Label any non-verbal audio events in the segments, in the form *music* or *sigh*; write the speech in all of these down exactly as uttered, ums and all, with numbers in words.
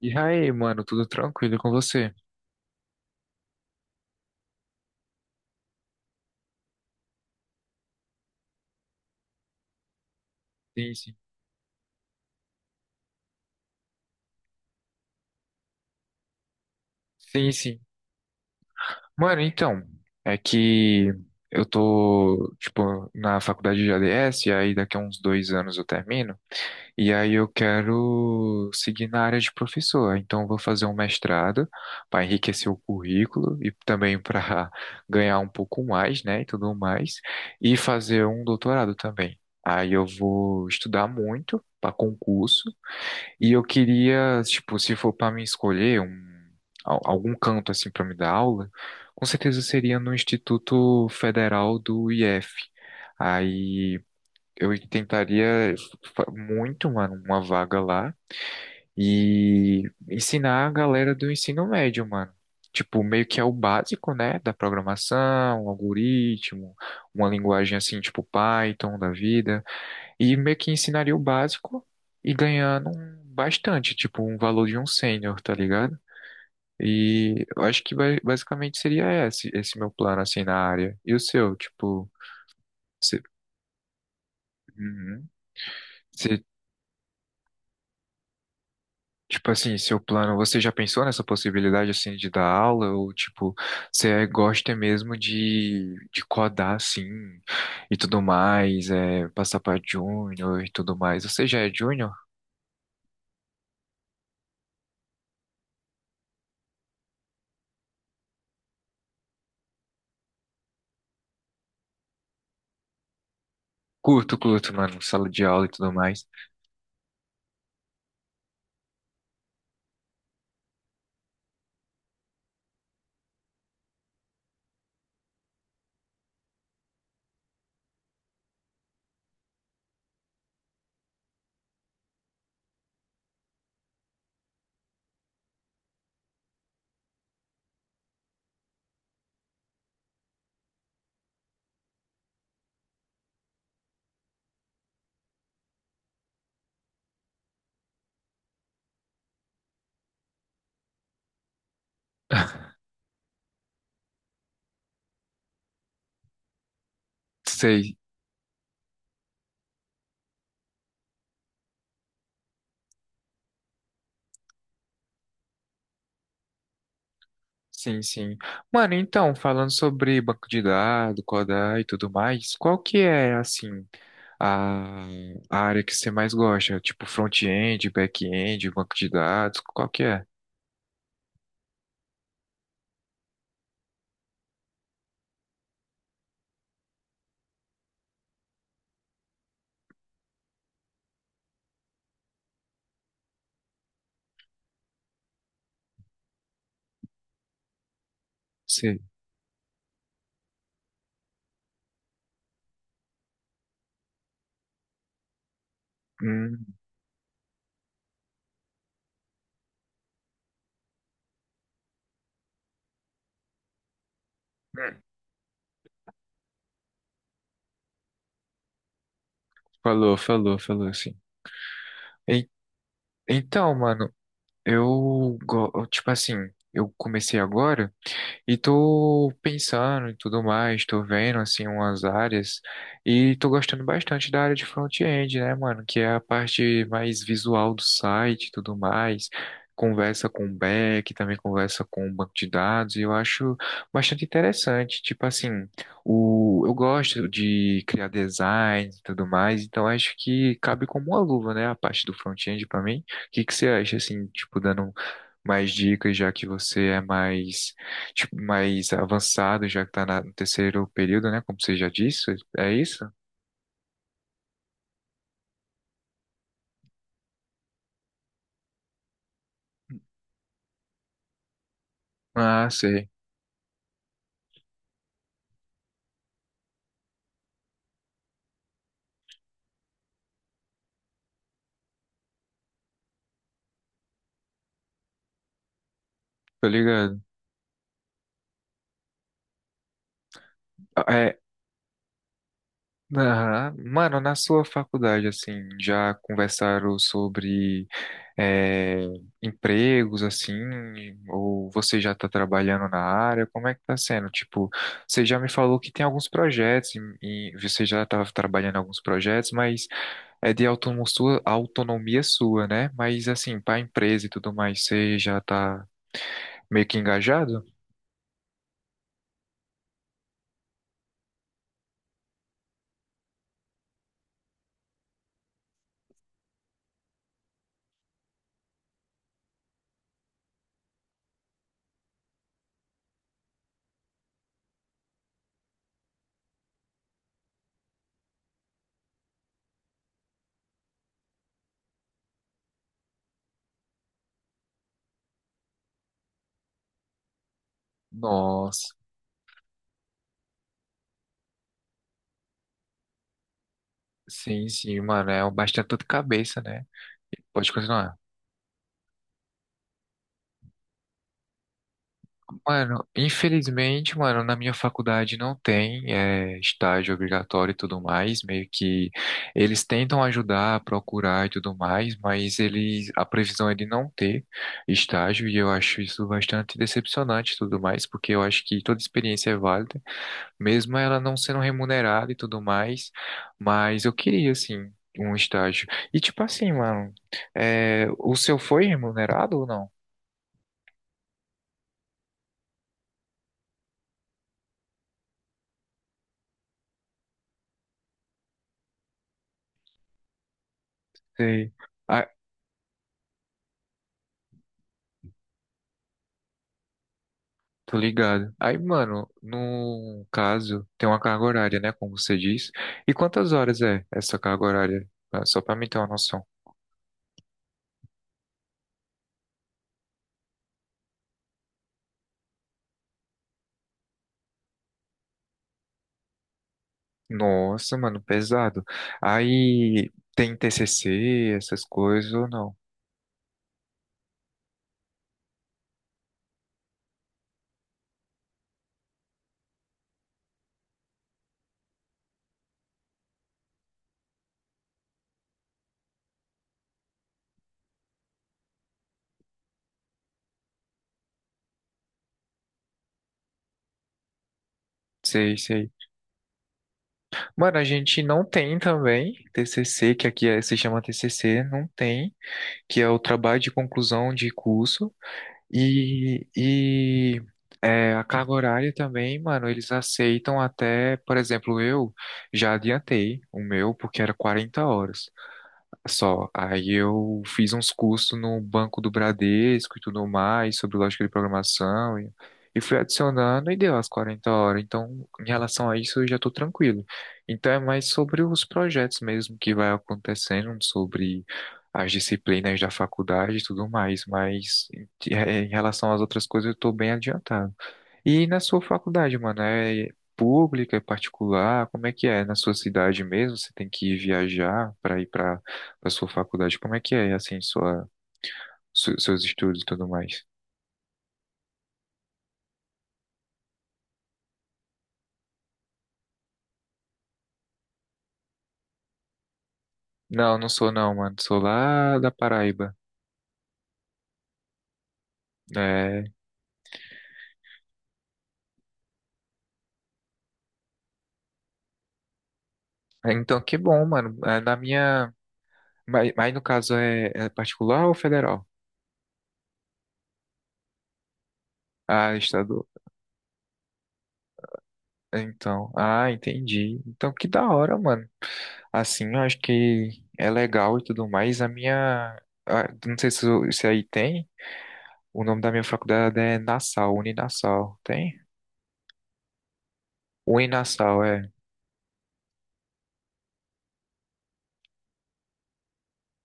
E aí, mano, tudo tranquilo com você? Sim, sim. Sim, sim. Mano, então, é que eu tô, tipo, na faculdade de A D S, e aí daqui a uns dois anos eu termino, e aí eu quero seguir na área de professor. Então, eu vou fazer um mestrado para enriquecer o currículo e também para *laughs* ganhar um pouco mais, né, e tudo mais, e fazer um doutorado também. Aí eu vou estudar muito para concurso. E eu queria, tipo, se for para me escolher um, al- algum canto assim para me dar aula, com certeza seria no Instituto Federal do I F. Aí eu tentaria fa- muito, mano, uma vaga lá e ensinar a galera do ensino médio, mano. Tipo, meio que é o básico, né, da programação, um algoritmo, uma linguagem assim, tipo Python da vida. E meio que ensinaria o básico e ganhando um- bastante, tipo um valor de um sênior, tá ligado? E eu acho que ba- basicamente seria esse, esse meu plano assim na área. E o seu, tipo, você, Uhum. Você- tipo assim, seu plano, você já pensou nessa possibilidade assim de dar aula ou tipo, você gosta mesmo de, de codar assim e tudo mais, é, passar pra júnior e tudo mais. Você já é júnior? Curto, curto, mano, sala de aula e tudo mais. *laughs* Sei. Sim, sim. Mano, então, falando sobre banco de dados, codar e tudo mais, qual que é, assim, a, a área que você mais gosta? Tipo, front-end, back-end, banco de dados, qual que é? Você... Hum, hum. Falou, falou, falou, sim. En- Então, mano, eu, go- tipo assim, eu comecei agora, e tô pensando e tudo mais, tô vendo assim umas áreas e tô gostando bastante da área de front-end, né, mano? Que é a parte mais visual do site e tudo mais. Conversa com o back, também conversa com o banco de dados, e eu acho bastante interessante. Tipo assim, o, eu gosto de criar design e tudo mais, então acho que cabe como uma luva, né, a parte do front-end pra mim. O que que você acha, assim, tipo, dando mais dicas, já que você é mais tipo, mais avançado, já que tá na- no terceiro período, né? Como você já disse, é isso? Ah, sei, tô ligado. É, aham. Mano, na sua faculdade, assim, já conversaram sobre é, empregos, assim, ou você já tá trabalhando na área? Como é que tá sendo? Tipo, você já me falou que tem alguns projetos e, e você já tava trabalhando em alguns projetos, mas é de autonomia sua, autonomia sua, né? Mas assim, para a empresa e tudo mais, você já tá meio que engajado? Nossa, sim, sim, mano, é bastante dor de cabeça, né? Pode continuar. Mano, infelizmente, mano, na minha faculdade não tem é, estágio obrigatório e tudo mais. Meio que eles tentam ajudar, procurar e tudo mais, mas eles, a previsão é de não ter estágio e eu acho isso bastante decepcionante e tudo mais, porque eu acho que toda experiência é válida, mesmo ela não sendo remunerada e tudo mais, mas eu queria, assim, um estágio. E, tipo assim, mano, é, o seu foi remunerado ou não? Sei. Ah, tô ligado. Aí, mano, no caso, tem uma carga horária, né, como você diz. E quantas horas é essa carga horária? Ah, só pra mim ter uma noção. Nossa, mano, pesado. Aí, tem T C C, essas coisas ou não? Sei, sei. Mano, a gente não tem também T C C, que aqui é- se chama T C C, não tem, que é o trabalho de conclusão de curso. E, e é, a carga horária também, mano, eles aceitam até, por exemplo, eu já adiantei o meu, porque era quarenta horas. Só. Aí eu fiz uns cursos no banco do Bradesco e tudo mais, sobre lógica de programação, e, e fui adicionando e deu as quarenta horas. Então, em relação a isso, eu já estou tranquilo. Então, é mais sobre os projetos mesmo que vai acontecendo, sobre as disciplinas da faculdade e tudo mais, mas em, é, em relação às outras coisas, eu estou bem adiantado. E na sua faculdade, mano, é pública, é particular? Como é que é? Na sua cidade mesmo, você tem que viajar para ir para a sua faculdade? Como é que é, assim, sua, su- seus estudos e tudo mais? Não, não sou não, mano. Sou lá da Paraíba. É... é, então, que bom, mano. É, na minha... Mas, mas no caso é, é particular ou federal? Ah, estadual. Então, ah, entendi. Então, que da hora, mano. Assim, eu acho que é legal e tudo mais. A minha. a- Não sei se, se aí tem. O nome da minha faculdade é Nassau, Uninassau. Tem? Uninassau, é.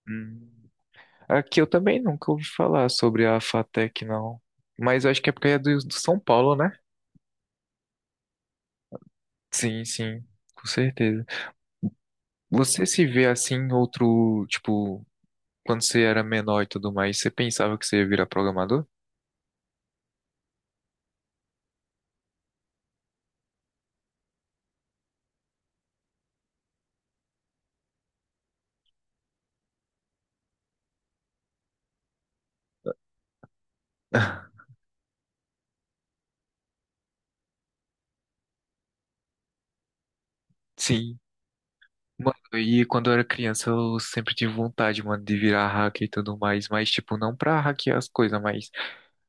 Hum. Aqui eu também nunca ouvi falar sobre a FATEC, não. Mas eu acho que é porque é do, do São Paulo, né? Sim, sim, com certeza. Você se vê assim, em outro. Tipo, quando você era menor e tudo mais, você pensava que você ia virar programador? *laughs* Sim. Mano, e quando eu era criança eu sempre tive vontade, mano, de virar hacker e tudo mais, mas tipo, não pra hackear as coisas, mas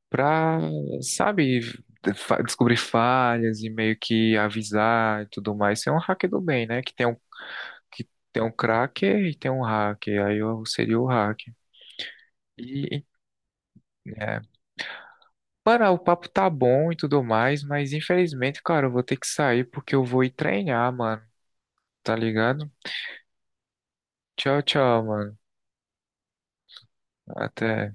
pra, sabe, de- fa- descobrir falhas e meio que avisar e tudo mais. Ser um hacker do bem, né? Que tem um, que tem um cracker e tem um hacker, aí eu seria o hacker. E, é. Mano, o papo tá bom e tudo mais, mas infelizmente, cara, eu vou ter que sair porque eu vou ir treinar, mano, tá ligado? Tchau, tchau, mano. Até.